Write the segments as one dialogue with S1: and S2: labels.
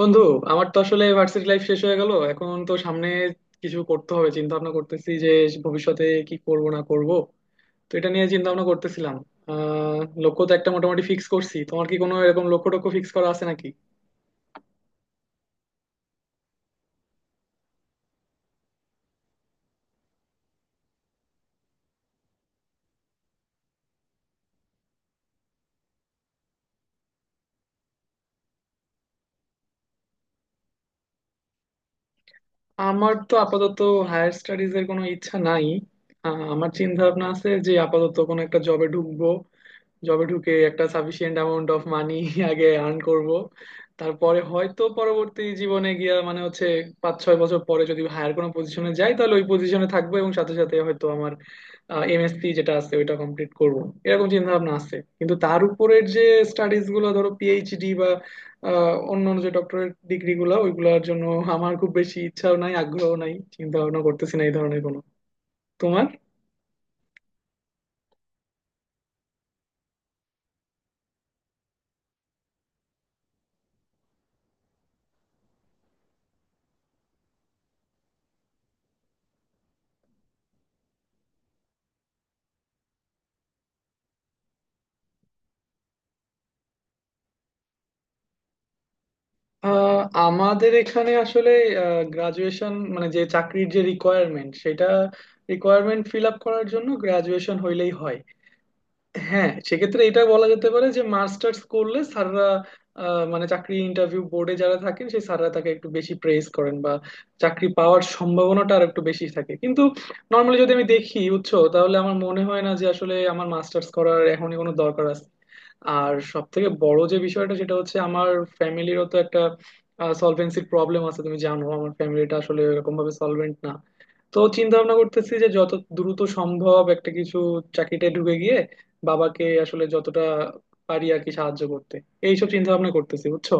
S1: বন্ধু, আমার তো আসলে ভার্সিটি লাইফ শেষ হয়ে গেল। এখন তো সামনে কিছু করতে হবে। চিন্তা ভাবনা করতেছি যে ভবিষ্যতে কি করব না করব। তো এটা নিয়ে চিন্তা ভাবনা করতেছিলাম। লক্ষ্য তো একটা মোটামুটি ফিক্স করছি। তোমার কি কোনো এরকম লক্ষ্য টক্ষ্য ফিক্স করা আছে নাকি? আমার তো আপাতত হায়ার স্টাডিজ এর কোনো ইচ্ছা নাই। আমার চিন্তা ভাবনা আছে যে আপাতত কোনো একটা জবে ঢুকবো। জবে ঢুকে একটা সাফিসিয়েন্ট অ্যামাউন্ট অফ মানি আগে আর্ন করব। তারপরে হয়তো পরবর্তী জীবনে গিয়া মানে হচ্ছে 5-6 বছর পরে যদি হায়ার কোনো পজিশনে যাই তাহলে ওই পজিশনে থাকবো, এবং সাথে সাথে হয়তো আমার এমএসসি যেটা আছে ওইটা কমপ্লিট করব। এরকম চিন্তা ভাবনা আছে, কিন্তু তার উপরের যে স্টাডিজ গুলো ধরো পিএইচডি বা অন্য অন্য যে ডক্টরেট ডিগ্রি গুলো ওইগুলোর জন্য আমার খুব বেশি ইচ্ছাও নাই, আগ্রহ নাই, চিন্তা ভাবনা করতেছি না এই ধরনের কোনো। তোমার? আহ, আমাদের এখানে আসলে গ্রাজুয়েশন মানে যে চাকরির যে রিকোয়ারমেন্ট সেটা, রিকোয়ারমেন্ট ফিল আপ করার জন্য গ্রাজুয়েশন হইলেই হয়। হ্যাঁ, সেক্ষেত্রে এটা বলা যেতে পারে যে মাস্টার্স করলে স্যাররা মানে চাকরি ইন্টারভিউ বোর্ডে যারা থাকেন সেই স্যাররা তাকে একটু বেশি প্রেস করেন বা চাকরি পাওয়ার সম্ভাবনাটা আর একটু বেশি থাকে। কিন্তু নর্মালি যদি আমি দেখি বুঝছো তাহলে আমার মনে হয় না যে আসলে আমার মাস্টার্স করার এখনই কোনো দরকার আছে। আর সব থেকে বড় যে বিষয়টা সেটা হচ্ছে আমার ফ্যামিলিরও তো একটা সলভেন্সির প্রবলেম আছে। তুমি জানো আমার ফ্যামিলিটা আসলে এরকম ভাবে সলভেন্ট না। তো চিন্তা ভাবনা করতেছি যে যত দ্রুত সম্ভব একটা কিছু, বাবাকে আসলে যতটা পারি আর কি সাহায্য করতে, এইসব চিন্তা ভাবনা করতেছি বুঝছো।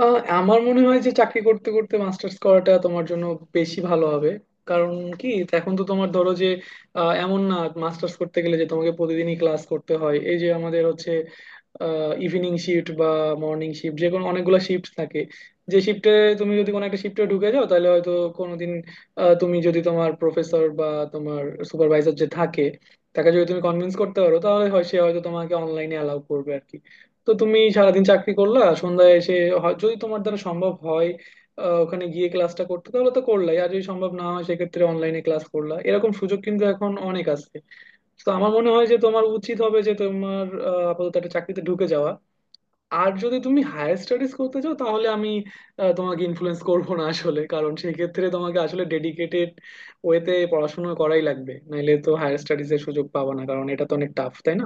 S1: আমার মনে হয় যে চাকরি করতে করতে মাস্টার্স করাটা তোমার জন্য বেশি ভালো হবে। কারণ কি, এখন তো তোমার ধরো যে এমন না মাস্টার্স করতে গেলে যে তোমাকে প্রতিদিনই ক্লাস করতে হয়। এই যে আমাদের হচ্ছে ইভিনিং শিফট বা মর্নিং শিফট, যে কোনো অনেকগুলো শিফট থাকে। যে শিফটে তুমি যদি কোনো একটা শিফটে ঢুকে যাও তাহলে হয়তো কোনোদিন তুমি যদি তোমার প্রফেসর বা তোমার সুপারভাইজার যে থাকে তাকে যদি তুমি কনভিন্স করতে পারো তাহলে হয় সে হয়তো তোমাকে অনলাইনে অ্যালাউ করবে আর কি। তো তুমি সারাদিন চাকরি করলা, সন্ধ্যায় এসে যদি তোমার দ্বারা সম্ভব হয় ওখানে গিয়ে ক্লাসটা করতে তাহলে তো করলাই, আর যদি সম্ভব না হয় সেক্ষেত্রে অনলাইনে ক্লাস করলা, এরকম সুযোগ কিন্তু এখন অনেক আছে। তো আমার মনে হয় যে তোমার উচিত হবে যে তোমার আপাতত একটা চাকরিতে ঢুকে যাওয়া। আর যদি তুমি হায়ার স্টাডিজ করতে চাও তাহলে আমি তোমাকে ইনফ্লুয়েন্স করব না আসলে, কারণ সেই ক্ষেত্রে তোমাকে আসলে ডেডিকেটেড ওয়েতে পড়াশোনা করাই লাগবে, নাইলে তো হায়ার স্টাডিজ এর সুযোগ পাবা না, কারণ এটা তো অনেক টাফ তাই না।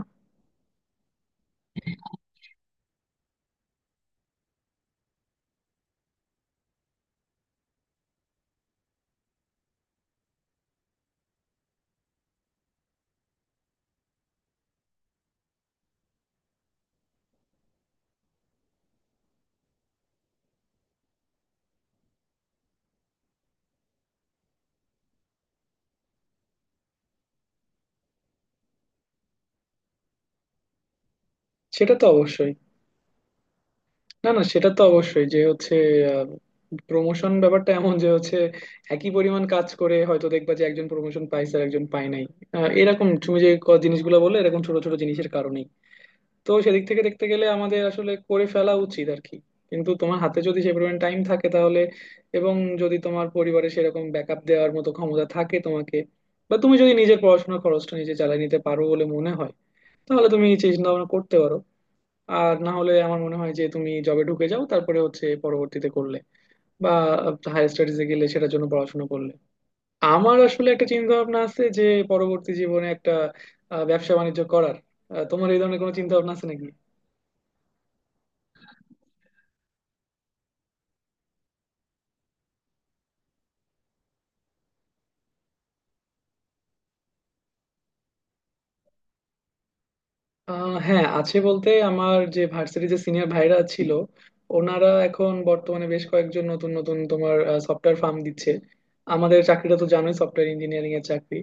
S1: সেটা তো অবশ্যই। না না, সেটা তো অবশ্যই যে হচ্ছে প্রমোশন ব্যাপারটা এমন যে হচ্ছে একই পরিমাণ কাজ করে হয়তো দেখবা যে একজন প্রমোশন পাইছে আর একজন পায় নাই। এরকম তুমি যে জিনিসগুলো বললে এরকম ছোট ছোট জিনিসের কারণে। তো সেদিক থেকে দেখতে গেলে আমাদের আসলে করে ফেলা উচিত আর কি। কিন্তু তোমার হাতে যদি সে পরিমাণ টাইম থাকে তাহলে, এবং যদি তোমার পরিবারে সেরকম ব্যাকআপ দেওয়ার মতো ক্ষমতা থাকে তোমাকে, বা তুমি যদি নিজের পড়াশোনার খরচটা নিজে চালিয়ে নিতে পারো বলে মনে হয় তাহলে তুমি চিন্তা ভাবনা করতে পারো। আর না হলে আমার মনে হয় যে তুমি জবে ঢুকে যাও, তারপরে হচ্ছে পরবর্তীতে করলে বা হায়ার স্টাডিজে গেলে সেটার জন্য পড়াশোনা করলে। আমার আসলে একটা চিন্তা ভাবনা আছে যে পরবর্তী জীবনে একটা ব্যবসা বাণিজ্য করার। তোমার এই ধরনের কোনো চিন্তা ভাবনা আছে নাকি? হ্যাঁ আছে, বলতে আমার যে ভার্সিটি যে সিনিয়র ভাইরা ছিল ওনারা এখন বর্তমানে বেশ কয়েকজন নতুন নতুন তোমার সফটওয়্যার ফার্ম দিচ্ছে। আমাদের চাকরিটা তো জানোই সফটওয়্যার ইঞ্জিনিয়ারিং এর চাকরি।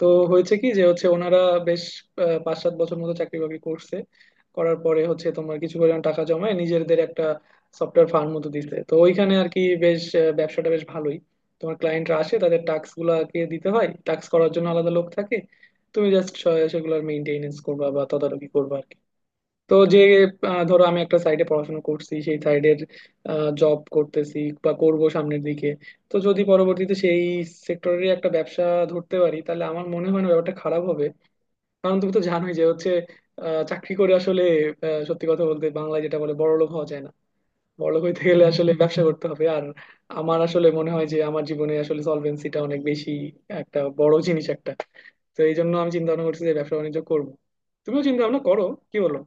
S1: তো হয়েছে কি যে হচ্ছে ওনারা বেশ 5-7 বছর মতো চাকরি বাকরি করছে, করার পরে হচ্ছে তোমার কিছু পরিমাণ টাকা জমায় নিজেদের একটা সফটওয়্যার ফার্ম মতো দিছে। তো ওইখানে আর কি বেশ ব্যবসাটা বেশ ভালোই। তোমার ক্লায়েন্টরা আসে, তাদের টাস্ক গুলাকে দিতে হয়, টাস্ক করার জন্য আলাদা লোক থাকে। তুমি জাস্ট সেগুলোর মেইনটেনেন্স করবা বা তদারকি করবা আর কি। তো যে ধরো আমি একটা সাইডে পড়াশোনা করছি, সেই সাইডের জব করতেছি বা করব সামনের দিকে। তো যদি পরবর্তীতে সেই সেক্টরেরই একটা ব্যবসা ধরতে পারি তাহলে আমার মনে হয় না ব্যাপারটা খারাপ হবে। কারণ তুমি তো জানোই যে হচ্ছে চাকরি করে আসলে সত্যি কথা বলতে বাংলায় যেটা বলে বড়লোক হওয়া যায় না। বড়লোক হইতে গেলে আসলে ব্যবসা করতে হবে। আর আমার আসলে মনে হয় যে আমার জীবনে আসলে সলভেন্সিটা অনেক বেশি একটা বড় জিনিস একটা। তো এই জন্য আমি চিন্তা ভাবনা করছি যে ব্যবসা বাণিজ্য করবো। তুমিও চিন্তা ভাবনা করো। কি বলো?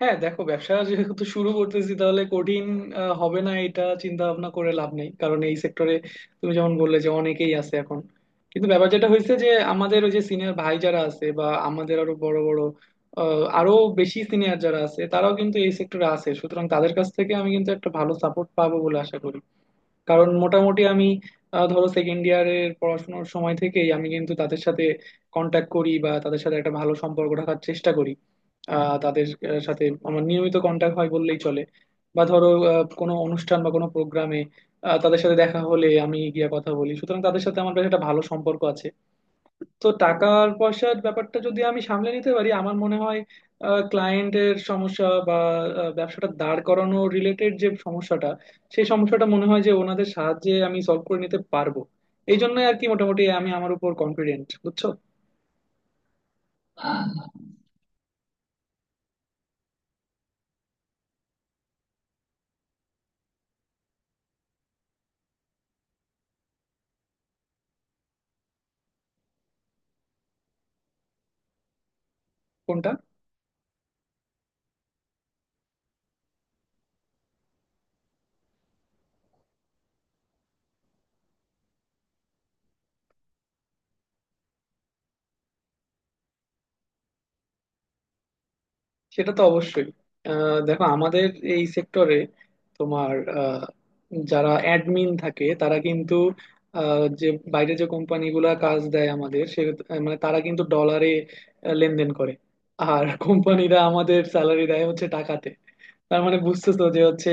S1: হ্যাঁ দেখো, ব্যবসা যেহেতু শুরু করতেছি তাহলে কঠিন হবে না এটা চিন্তা ভাবনা করে লাভ নেই, কারণ এই সেক্টরে তুমি যেমন বললে যে অনেকেই আছে এখন। কিন্তু ব্যাপার যেটা হয়েছে যে আমাদের ওই যে সিনিয়র ভাই যারা আছে বা আমাদের আরো বড় বড়, আরো বেশি সিনিয়র যারা আছে তারাও কিন্তু এই সেক্টরে আছে, সুতরাং তাদের কাছ থেকে আমি কিন্তু একটা ভালো সাপোর্ট পাবো বলে আশা করি। কারণ মোটামুটি আমি ধরো সেকেন্ড ইয়ারের পড়াশোনার সময় থেকেই আমি কিন্তু তাদের সাথে কন্ট্যাক্ট করি বা তাদের সাথে একটা ভালো সম্পর্ক রাখার চেষ্টা করি। তাদের সাথে আমার নিয়মিত কন্ট্যাক্ট হয় বললেই চলে। বা ধরো কোনো অনুষ্ঠান বা কোনো প্রোগ্রামে তাদের সাথে দেখা হলে আমি গিয়ে কথা বলি। সুতরাং তাদের সাথে আমার বেশ একটা ভালো সম্পর্ক আছে। তো টাকার পয়সার ব্যাপারটা যদি আমি সামলে নিতে পারি আমার মনে হয় ক্লায়েন্টের সমস্যা বা ব্যবসাটা দাঁড় করানো রিলেটেড যে সমস্যাটা, সেই সমস্যাটা মনে হয় যে ওনাদের সাহায্যে আমি সলভ করে নিতে পারবো। এই জন্যই আর কি মোটামুটি আমি আমার উপর কনফিডেন্ট বুঝছো। কোনটা? সেটা তো অবশ্যই। দেখো আমাদের এই সেক্টরে তোমার যারা অ্যাডমিন থাকে তারা কিন্তু যে বাইরে যে কোম্পানিগুলা কাজ দেয় আমাদের সে মানে, তারা কিন্তু ডলারে লেনদেন করে। আর কোম্পানিরা আমাদের স্যালারি দেয় হচ্ছে টাকাতে। তার মানে বুঝতেছো যে হচ্ছে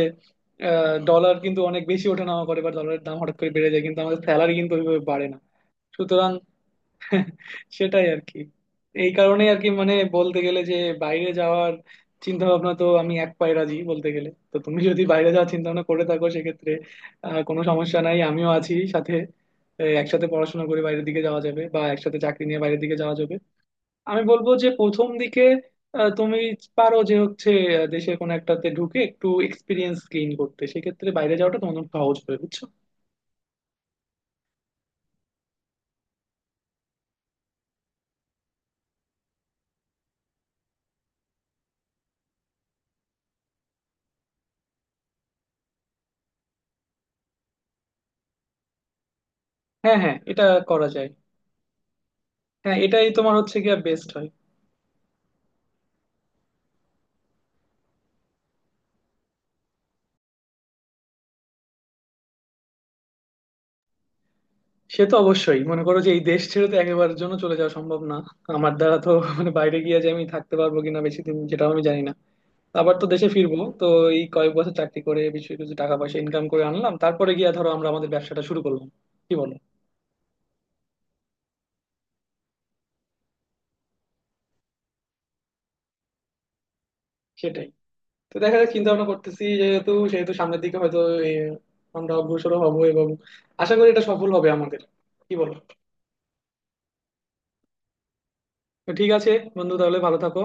S1: ডলার কিন্তু অনেক বেশি ওঠানামা করে বা ডলারের দাম হঠাৎ করে বেড়ে যায় কিন্তু আমাদের স্যালারি কিন্তু ওইভাবে বাড়ে না। সুতরাং সেটাই আর কি। এই কারণেই আর কি মানে বলতে গেলে যে বাইরে যাওয়ার চিন্তা ভাবনা তো আমি এক পায়ে রাজি বলতে গেলে। তো তুমি যদি বাইরে যাওয়ার চিন্তা ভাবনা করে থাকো সেক্ষেত্রে কোনো সমস্যা নাই, আমিও আছি সাথে। এই একসাথে পড়াশোনা করে বাইরের দিকে যাওয়া যাবে বা একসাথে চাকরি নিয়ে বাইরের দিকে যাওয়া যাবে। আমি বলবো যে প্রথম দিকে তুমি পারো যে হচ্ছে দেশের কোনো একটাতে ঢুকে একটু এক্সপিরিয়েন্স গেইন করতে, সেক্ষেত্রে বাইরে যাওয়াটা তোমার জন্য সহজ হবে বুঝছো। হ্যাঁ হ্যাঁ, এটা করা যায়। হ্যাঁ, এটাই তোমার হচ্ছে গিয়ে বেস্ট হয়। সে তো অবশ্যই, মনে করো যে এই দেশ ছেড়ে তো একেবারের জন্য চলে যাওয়া সম্ভব না আমার দ্বারা তো। মানে বাইরে গিয়ে যে আমি থাকতে পারবো কিনা বেশি দিন যেটাও আমি জানি না। আবার তো দেশে ফিরবো তো। এই কয়েক বছর চাকরি করে বেশি কিছু টাকা পয়সা ইনকাম করে আনলাম, তারপরে গিয়ে ধরো আমরা আমাদের ব্যবসাটা শুরু করলাম। কি বলো? সেটাই। তো দেখা যাক, চিন্তা ভাবনা করতেছি যেহেতু সেহেতু সামনের দিকে হয়তো এ, আমরা অগ্রসর হব এবং আশা করি এটা সফল হবে আমাদের। কি বলো? তো ঠিক আছে বন্ধু, তাহলে ভালো থাকো।